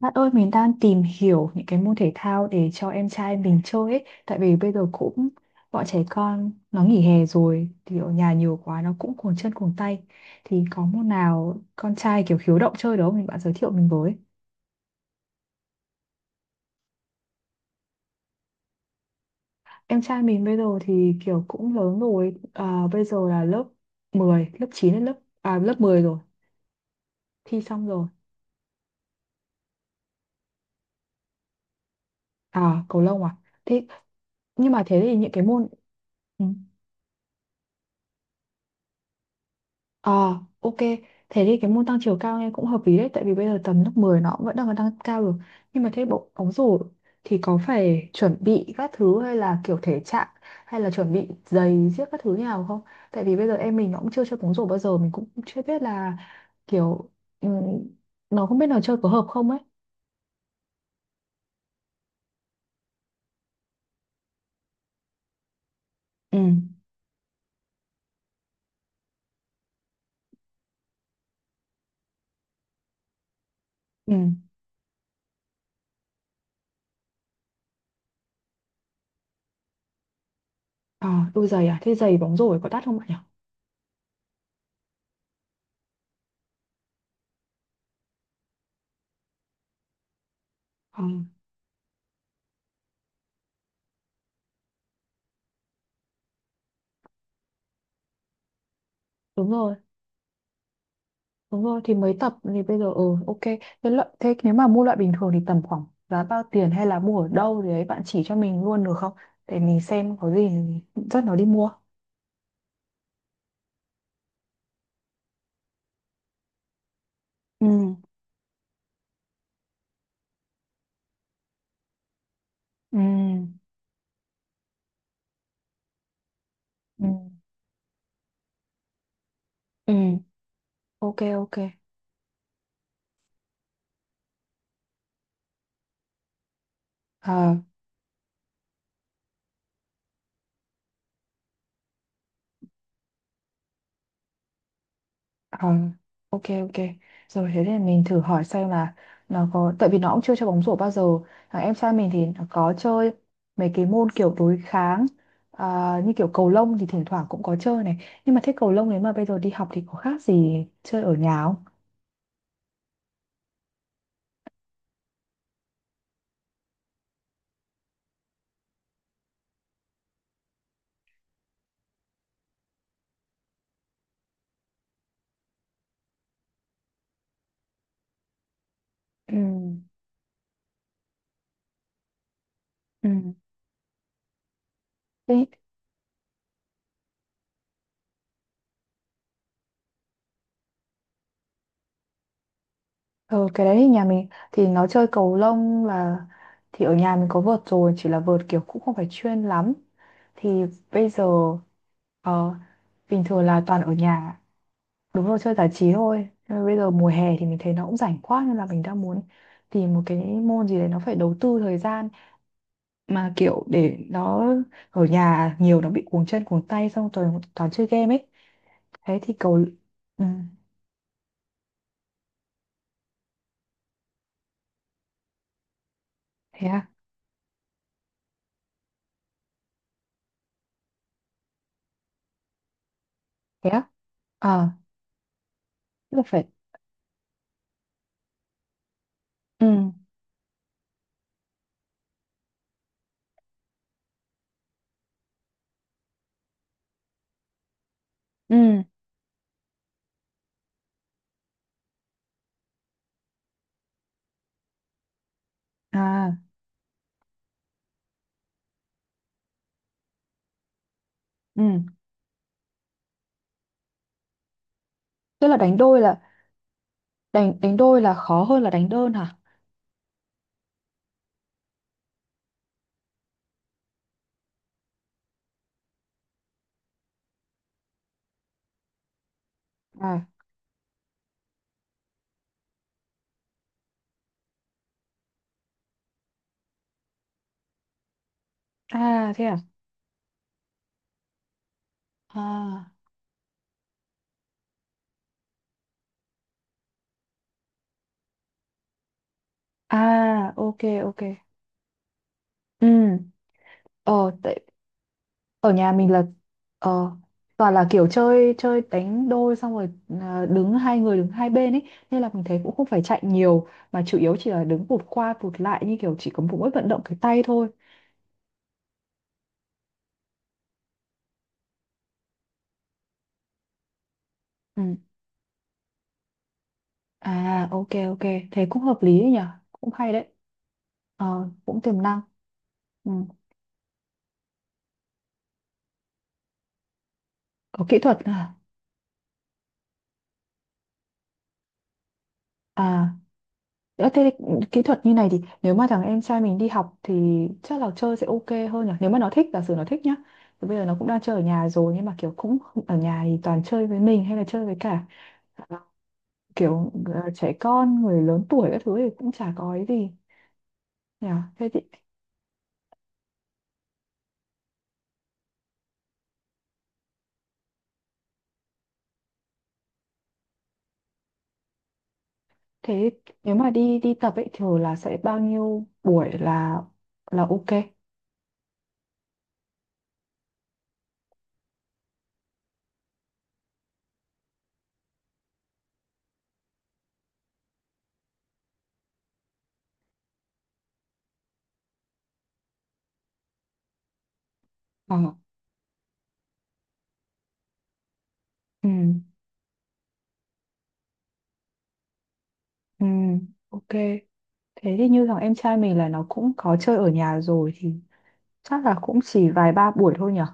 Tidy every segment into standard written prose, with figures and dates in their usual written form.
Bạn ơi, mình đang tìm hiểu những cái môn thể thao để cho em trai mình chơi ấy. Tại vì bây giờ cũng bọn trẻ con nó nghỉ hè rồi thì ở nhà nhiều quá nó cũng cuồng chân cuồng tay. Thì có môn nào con trai kiểu khiếu động chơi đó mình bạn giới thiệu mình với. Em trai mình bây giờ thì kiểu cũng lớn rồi, bây giờ là lớp 10 lớp 9 đến lớp lớp 10 rồi, thi xong rồi. À, cầu lông à? Thế nhưng mà thế thì những cái môn ừ. Ờ, ok. Thế thì cái môn tăng chiều cao nghe cũng hợp lý đấy. Tại vì bây giờ tầm lớp 10 nó cũng vẫn đang còn tăng cao được. Nhưng mà thế bộ bóng rổ thì có phải chuẩn bị các thứ hay là kiểu thể trạng hay là chuẩn bị giày giết các thứ như nào không? Tại vì bây giờ em mình nó cũng chưa chơi bóng rổ bao giờ. Mình cũng chưa biết là kiểu ừ, nó không biết là chơi có hợp không ấy. Ừ, ừ. Ờ, đôi giày à? Thế giày bóng rổ có đắt không bạn nhỉ? Ờ, đúng rồi. Đúng rồi, thì mấy tập thì bây giờ ừ, ok. Thế, thế nếu mà mua loại bình thường thì tầm khoảng giá bao tiền hay là mua ở đâu thì ấy bạn chỉ cho mình luôn được không? Để mình xem có gì dắt nó đi mua. Ừ, ừ, ừ. Ừ, ok, ok. Ờ, ờ, ok, ok, rồi thế thì mình thử hỏi xem là nó có tại vì nó cũng chưa chơi bóng rổ bao giờ, thằng em trai mình thì nó có chơi mấy cái môn kiểu đối kháng, à, như kiểu cầu lông thì thỉnh thoảng cũng có chơi này, nhưng mà thế cầu lông nếu mà bây giờ đi học thì có khác gì chơi ở nhà không? Ừ, ừ. Thế, ờ, cái đấy thì nhà mình thì nó chơi cầu lông là thì ở nhà mình có vợt rồi chỉ là vợt kiểu cũng không phải chuyên lắm thì bây giờ ờ, bình thường là toàn ở nhà. Đúng rồi, chơi giải trí thôi. Nhưng mà bây giờ mùa hè thì mình thấy nó cũng rảnh quá nên là mình đang muốn tìm một cái môn gì đấy nó phải đầu tư thời gian mà kiểu để nó ở nhà nhiều nó bị cuồng chân cuồng tay xong toàn toàn chơi game ấy. Thế thì cầu ừ. Thế à? Thế à? À, tức là phải ừ, ừ, à, ừ, tức là đánh đôi là đánh đánh đôi là khó hơn là đánh đơn hả? À, à, thế à, à, à, ok, ok, ừ, ờ, tại ở nhà mình là, ờ, toàn là kiểu chơi chơi đánh đôi xong rồi, à, đứng hai người đứng hai bên ấy nên là mình thấy cũng không phải chạy nhiều mà chủ yếu chỉ là đứng vụt qua vụt lại như kiểu chỉ có mỗi vận động cái tay thôi. Ừ, à, ok, ok, thế cũng hợp lý đấy nhỉ, cũng hay đấy. Ờ, cũng tiềm năng. Ừ. Có kỹ thuật à? À, ờ, thế thì kỹ thuật như này thì nếu mà thằng em trai mình đi học thì chắc là chơi sẽ ok hơn nhỉ? Nếu mà nó thích, giả sử nó thích nhá. Thì bây giờ nó cũng đang chơi ở nhà rồi nhưng mà kiểu cũng ở nhà thì toàn chơi với mình hay là chơi với cả ờ, kiểu trẻ con, người lớn tuổi các thứ thì cũng chả có ấy gì nhỉ? Thế thì thế nếu mà đi đi tập ấy thường là sẽ bao nhiêu buổi là ok? Ờ. Ừ. Ừ. Ok. Thế thì như thằng em trai mình là nó cũng có chơi ở nhà rồi thì chắc là cũng chỉ vài ba buổi thôi nhở?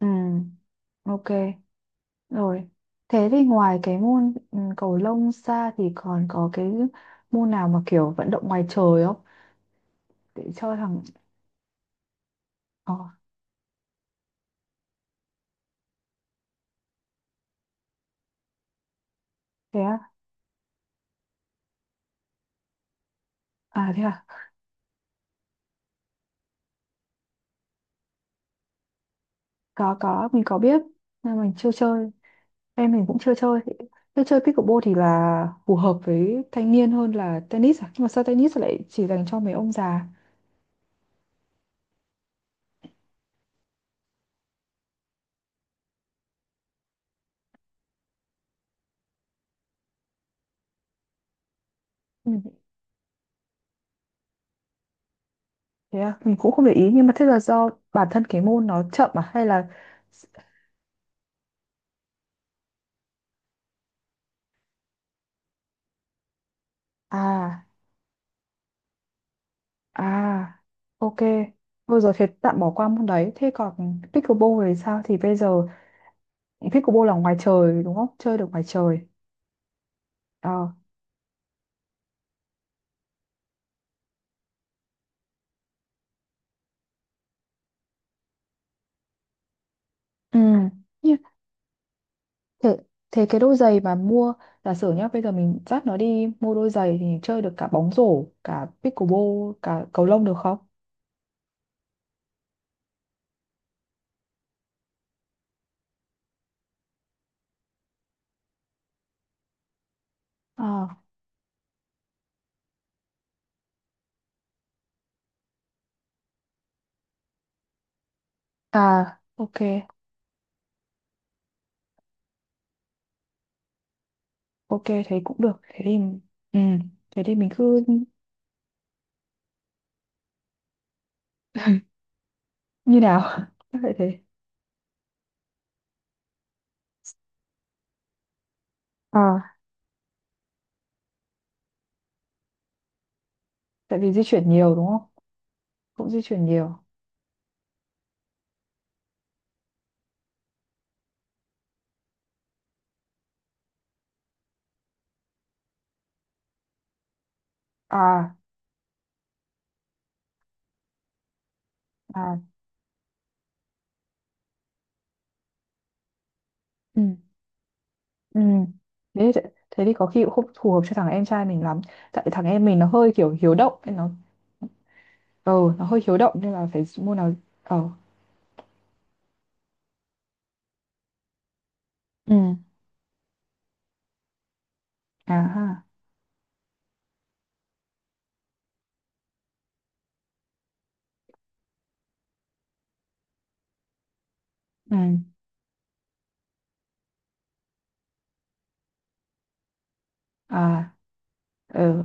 Ừ, ok, rồi. Thế thì ngoài cái môn cầu lông ra thì còn có cái môn nào mà kiểu vận động ngoài trời không? Để chơi thằng... Ờ, thế à? À, thế à? Có, mình có biết. Nhưng mình chưa chơi. Em mình cũng chưa chơi. Thế chơi pickleball thì là phù hợp với thanh niên hơn là tennis à? Nhưng mà sao tennis lại chỉ dành cho mấy ông già? Mình, thế à? Mình cũng không để ý. Nhưng mà thế là do bản thân cái môn nó chậm à? Hay là... À, à, ok. Thôi rồi thế tạm bỏ qua môn đấy. Thế còn pickleball thì sao? Thì bây giờ pickleball là ngoài trời đúng không? Chơi được ngoài trời. Ờ. Ừ. Nhưng thế, thế cái đôi giày mà mua giả sử nhá, bây giờ mình dắt nó đi mua đôi giày thì chơi được cả bóng rổ, cả pickleball, cả cầu lông được không? Ờ. À, ok. Ok, thế cũng được. Thế thì ừ, thế thì mình cứ như nào? Chắc vậy thế. À, tại vì di chuyển nhiều đúng không? Cũng di chuyển nhiều. À, à, ừ, ừ. Thế, thì- thế thì có khi cũng không phù hợp cho thằng em trai mình lắm. Tại thằng em mình nó hơi kiểu hiếu động nên nó ờ nó hơi hiếu động nên là phải mua nào, ờ, ừ, à ha, ừ, à, ờ,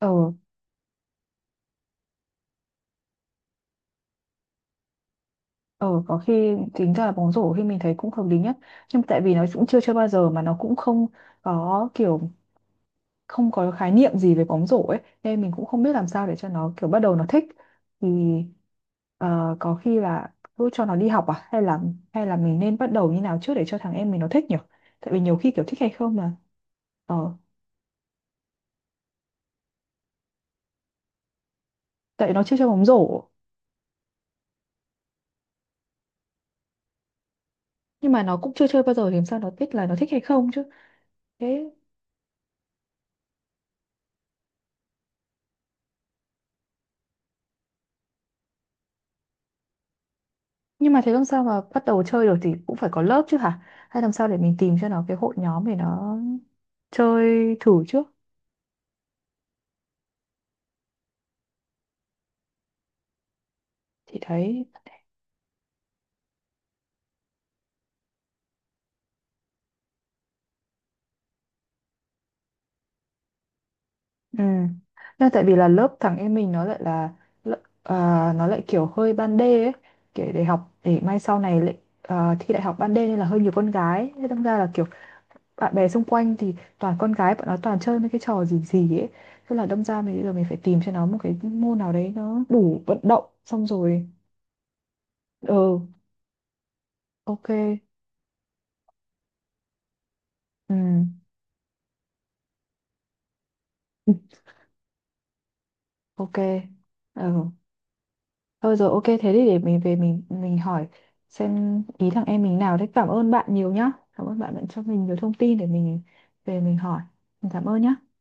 ờ, ờ, có khi tính ra là bóng rổ khi mình thấy cũng hợp lý nhất nhưng mà tại vì nó cũng chưa chơi bao giờ mà nó cũng không có kiểu không có khái niệm gì về bóng rổ ấy nên mình cũng không biết làm sao để cho nó kiểu bắt đầu nó thích thì, ờ, có khi là cứ cho nó đi học à hay là mình nên bắt đầu như nào trước để cho thằng em mình nó thích nhỉ, tại vì nhiều khi kiểu thích hay không là ờ tại nó chưa chơi bóng rổ nhưng mà nó cũng chưa chơi bao giờ thì làm sao nó biết là nó thích hay không chứ thế nhưng mà thế làm sao mà bắt đầu chơi được thì cũng phải có lớp chứ hả hay làm sao để mình tìm cho nó cái hội nhóm để nó chơi thử trước thì thấy. Ừ. Nhưng tại vì là lớp thằng em mình nó lại là lợ- à, nó lại kiểu hơi ban đê ấy, kiểu để học để mai sau này lại, à, thi đại học ban đê nên là hơi nhiều con gái, thế đâm ra là kiểu bạn bè xung quanh thì toàn con gái, bọn nó toàn chơi mấy cái trò gì gì ấy. Thế là đâm ra mình bây giờ mình phải tìm cho nó một cái môn nào đấy nó đủ vận động xong rồi. Ừ, ok. Ừ, ok. Ừ. Thôi rồi, ok, thế thì để mình về mình hỏi xem ý thằng em mình nào đấy. Cảm ơn bạn nhiều nhá. Cảm ơn bạn đã cho mình nhiều thông tin để mình về mình hỏi. Mình cảm ơn nhá.